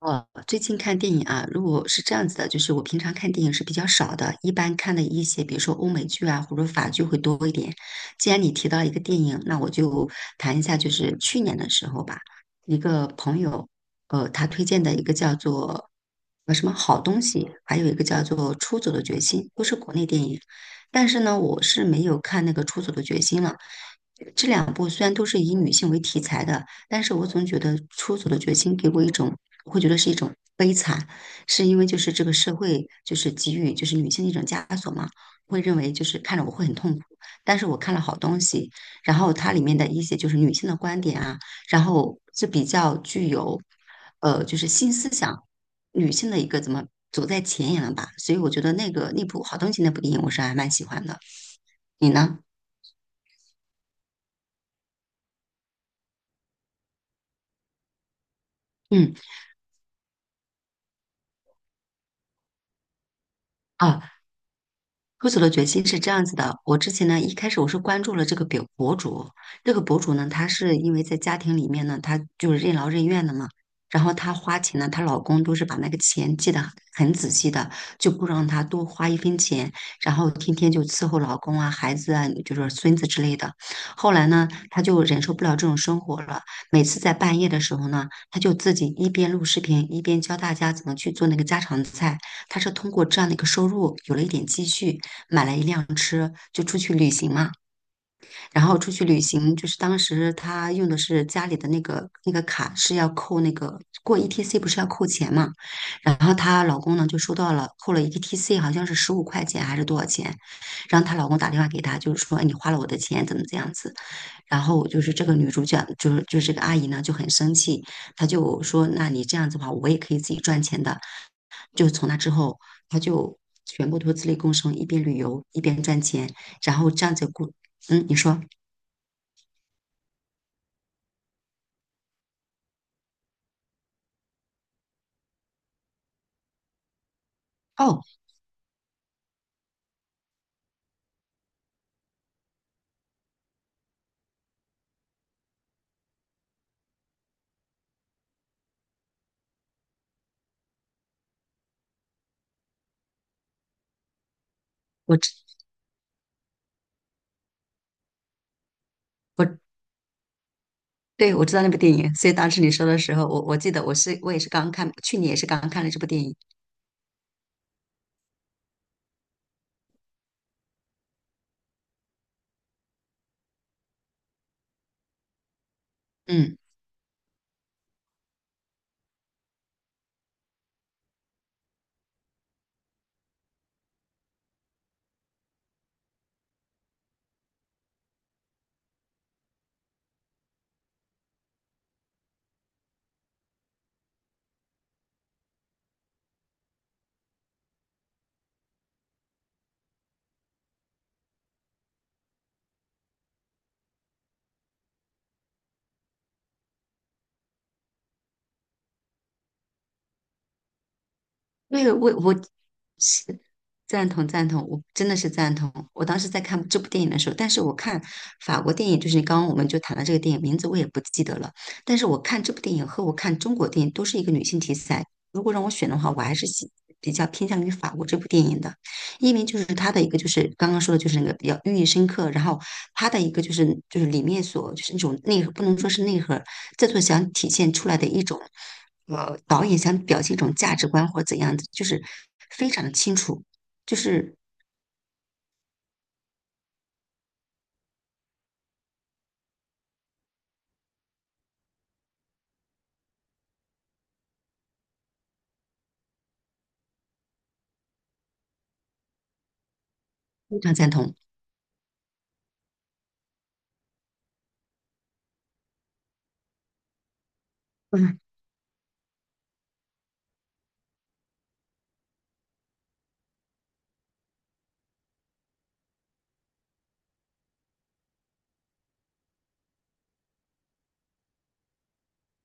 哦，最近看电影啊，如果是这样子的，就是我平常看电影是比较少的，一般看的一些，比如说欧美剧啊，或者法剧会多一点。既然你提到一个电影，那我就谈一下，就是去年的时候吧，一个朋友，他推荐的一个叫做什么好东西，还有一个叫做《出走的决心》，都是国内电影，但是呢，我是没有看那个《出走的决心》了。这两部虽然都是以女性为题材的，但是我总觉得《出走的决心》给我一种我会觉得是一种悲惨，是因为就是这个社会就是给予就是女性的一种枷锁嘛，会认为就是看着我会很痛苦，但是我看了好东西，然后它里面的一些就是女性的观点啊，然后是比较具有就是新思想女性的一个怎么走在前沿了吧，所以我觉得那个那部好东西那部电影我是还蛮喜欢的，你呢？嗯。啊，喝酒的决心是这样子的，我之前呢，一开始我是关注了这个表博主，这个博主呢，她是因为在家庭里面呢，她就是任劳任怨的嘛，然后她花钱呢，她老公都是把那个钱记得很仔细的，就不让她多花一分钱，然后天天就伺候老公啊、孩子啊，就是孙子之类的。后来呢，她就忍受不了这种生活了，每次在半夜的时候呢，她就自己一边录视频，一边教大家怎么去做那个家常菜，她是通过这样的一个收入有了一点积蓄。买了一辆车就出去旅行嘛。然后出去旅行，就是当时他用的是家里的那个卡，是要扣那个过 ETC 不是要扣钱嘛？然后她老公呢就收到了扣了 ETC，好像是15块钱还是多少钱？然后她老公打电话给她，就是说、哎你花了我的钱，怎么这样子？然后就是这个女主角，就是这个阿姨呢就很生气，她就说那你这样子的话，我也可以自己赚钱的。就从那之后，他就全部都自力更生，一边旅游一边赚钱，然后这样子过。嗯，你说哦，我知我对我知道那部电影，所以当时你说的时候，我记得我是我也是刚看，去年也是刚看了这部电影。嗯。对，我是赞同，我真的是赞同。我当时在看这部电影的时候，但是我看法国电影，就是刚刚我们就谈了这个电影名字，我也不记得了。但是我看这部电影和我看中国电影都是一个女性题材。如果让我选的话，我还是喜比较偏向于法国这部电影的，因为就是它的一个就是刚刚说的就是那个比较寓意深刻，然后它的一个就是里面所就是那种内核，不能说是内核，这就想体现出来的一种，导演想表现一种价值观或者怎样子，就是非常的清楚，就是非常赞同。嗯，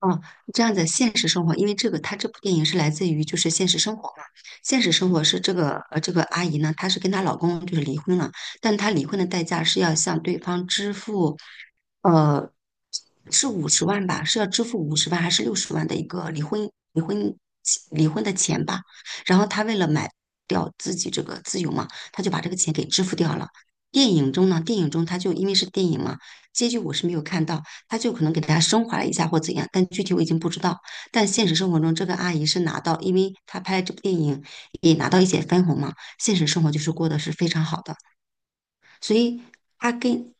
哦，这样的现实生活，因为这个，它这部电影是来自于就是现实生活嘛。现实生活是这个这个阿姨呢，她是跟她老公就是离婚了，但她离婚的代价是要向对方支付，呃，是五十万吧，是要支付五十万还是60万的一个离婚离婚的钱吧。然后她为了买掉自己这个自由嘛，她就把这个钱给支付掉了。电影中呢，电影中她就因为是电影嘛，结局我是没有看到。他就可能给大家升华了一下或怎样，但具体我已经不知道。但现实生活中，这个阿姨是拿到，因为她拍这部电影也拿到一些分红嘛，现实生活就是过得是非常好的，所以她跟。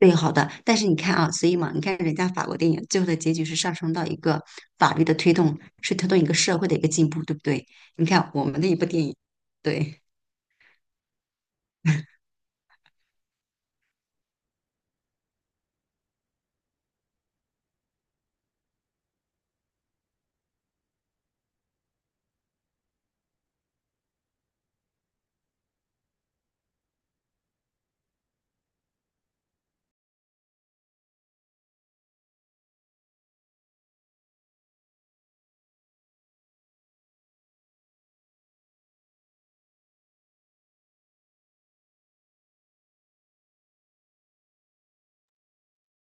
对，好的，但是你看啊，所以嘛，你看人家法国电影最后的结局是上升到一个法律的推动，是推动一个社会的一个进步，对不对？你看我们的一部电影，对。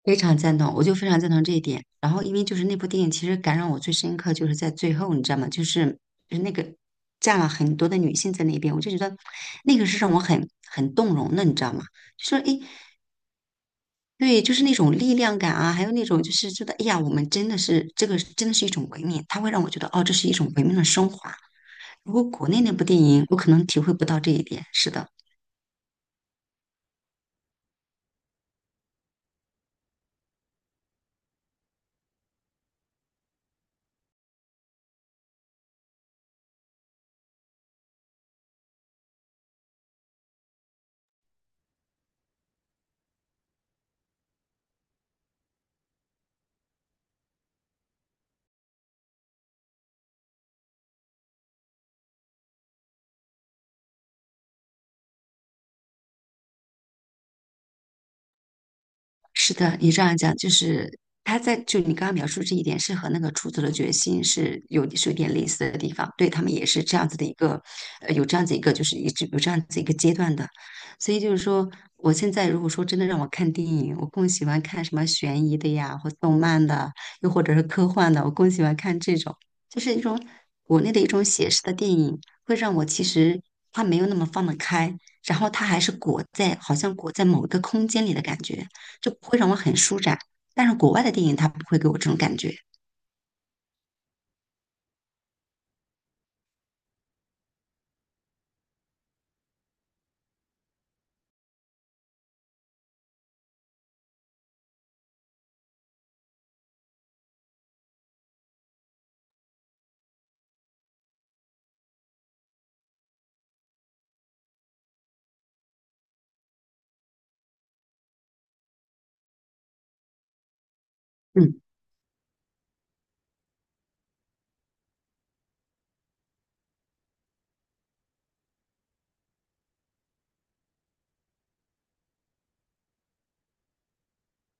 非常赞同，我就非常赞同这一点。然后，因为就是那部电影，其实感染我最深刻就是在最后，你知道吗？就是就是那个站了很多的女性在那边，我就觉得那个是让我很动容的，你知道吗？就说诶，对，就是那种力量感啊，还有那种就是觉得哎呀，我们真的是这个真的是一种文明，它会让我觉得哦，这是一种文明的升华。如果国内那部电影，我可能体会不到这一点。是的。是的，你这样讲就是他在就你刚刚描述这一点是和那个出走的决心是有点类似的地方，对他们也是这样子的一个，有这样子一个就是一直有这样子一个阶段的，所以就是说，我现在如果说真的让我看电影，我更喜欢看什么悬疑的呀，或动漫的，又或者是科幻的，我更喜欢看这种，就是一种国内的一种写实的电影，会让我其实它没有那么放得开，然后它还是裹在好像裹在某一个空间里的感觉。就不会让我很舒展。但是国外的电影它不会给我这种感觉，嗯，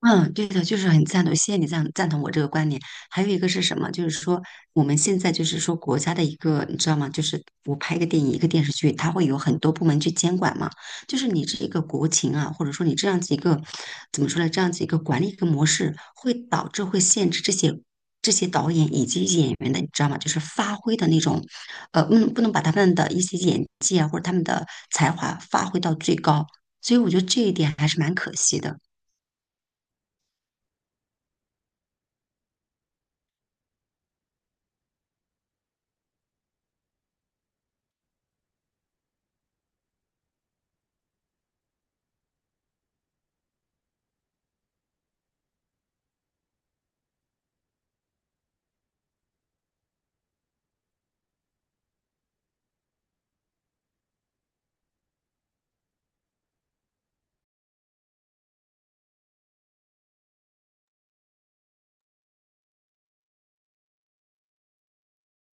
嗯，对的，就是很赞同，谢谢你赞同我这个观点。还有一个是什么？就是说我们现在就是说国家的一个，你知道吗？就是我拍一个电影、一个电视剧，它会有很多部门去监管嘛。就是你这一个国情啊，或者说你这样子一个怎么说呢？这样子一个管理一个模式，会导致会限制这些导演以及演员的，你知道吗？就是发挥的那种，不能把他们的一些演技啊，或者他们的才华发挥到最高。所以我觉得这一点还是蛮可惜的。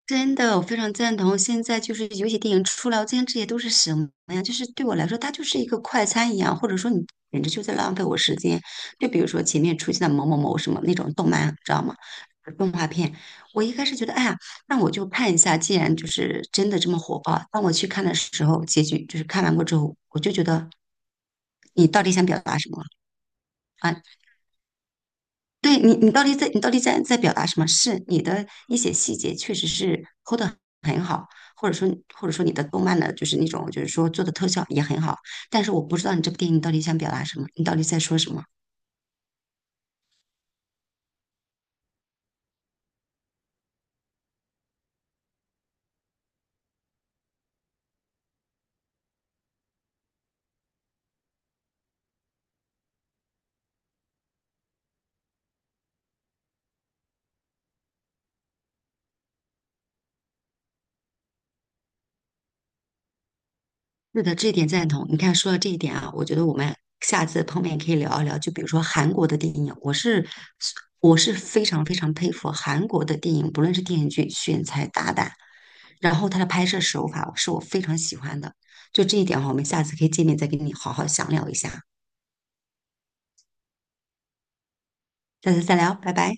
真的，我非常赞同。现在就是有些电影出来，我今天这些都是什么呀？就是对我来说，它就是一个快餐一样，或者说你简直就在浪费我时间。就比如说前面出现的某某某什么那种动漫，知道吗？动画片，我一开始觉得，哎呀，那我就看一下。既然就是真的这么火爆，当我去看的时候，结局就是看完过之后，我就觉得你到底想表达什么啊？对你，你到底在表达什么？是你的一些细节确实是抠的很好，或者说或者说你的动漫的就是那种就是说做的特效也很好，但是我不知道你这部电影到底想表达什么，你到底在说什么？是的，这一点赞同。你看，说到这一点啊，我觉得我们下次碰面可以聊一聊，就比如说韩国的电影，我是非常非常佩服韩国的电影，不论是电视剧选材大胆。然后它的拍摄手法是我非常喜欢的，就这一点哈，我们下次可以见面再跟你好好详聊一下。下次再聊，拜拜。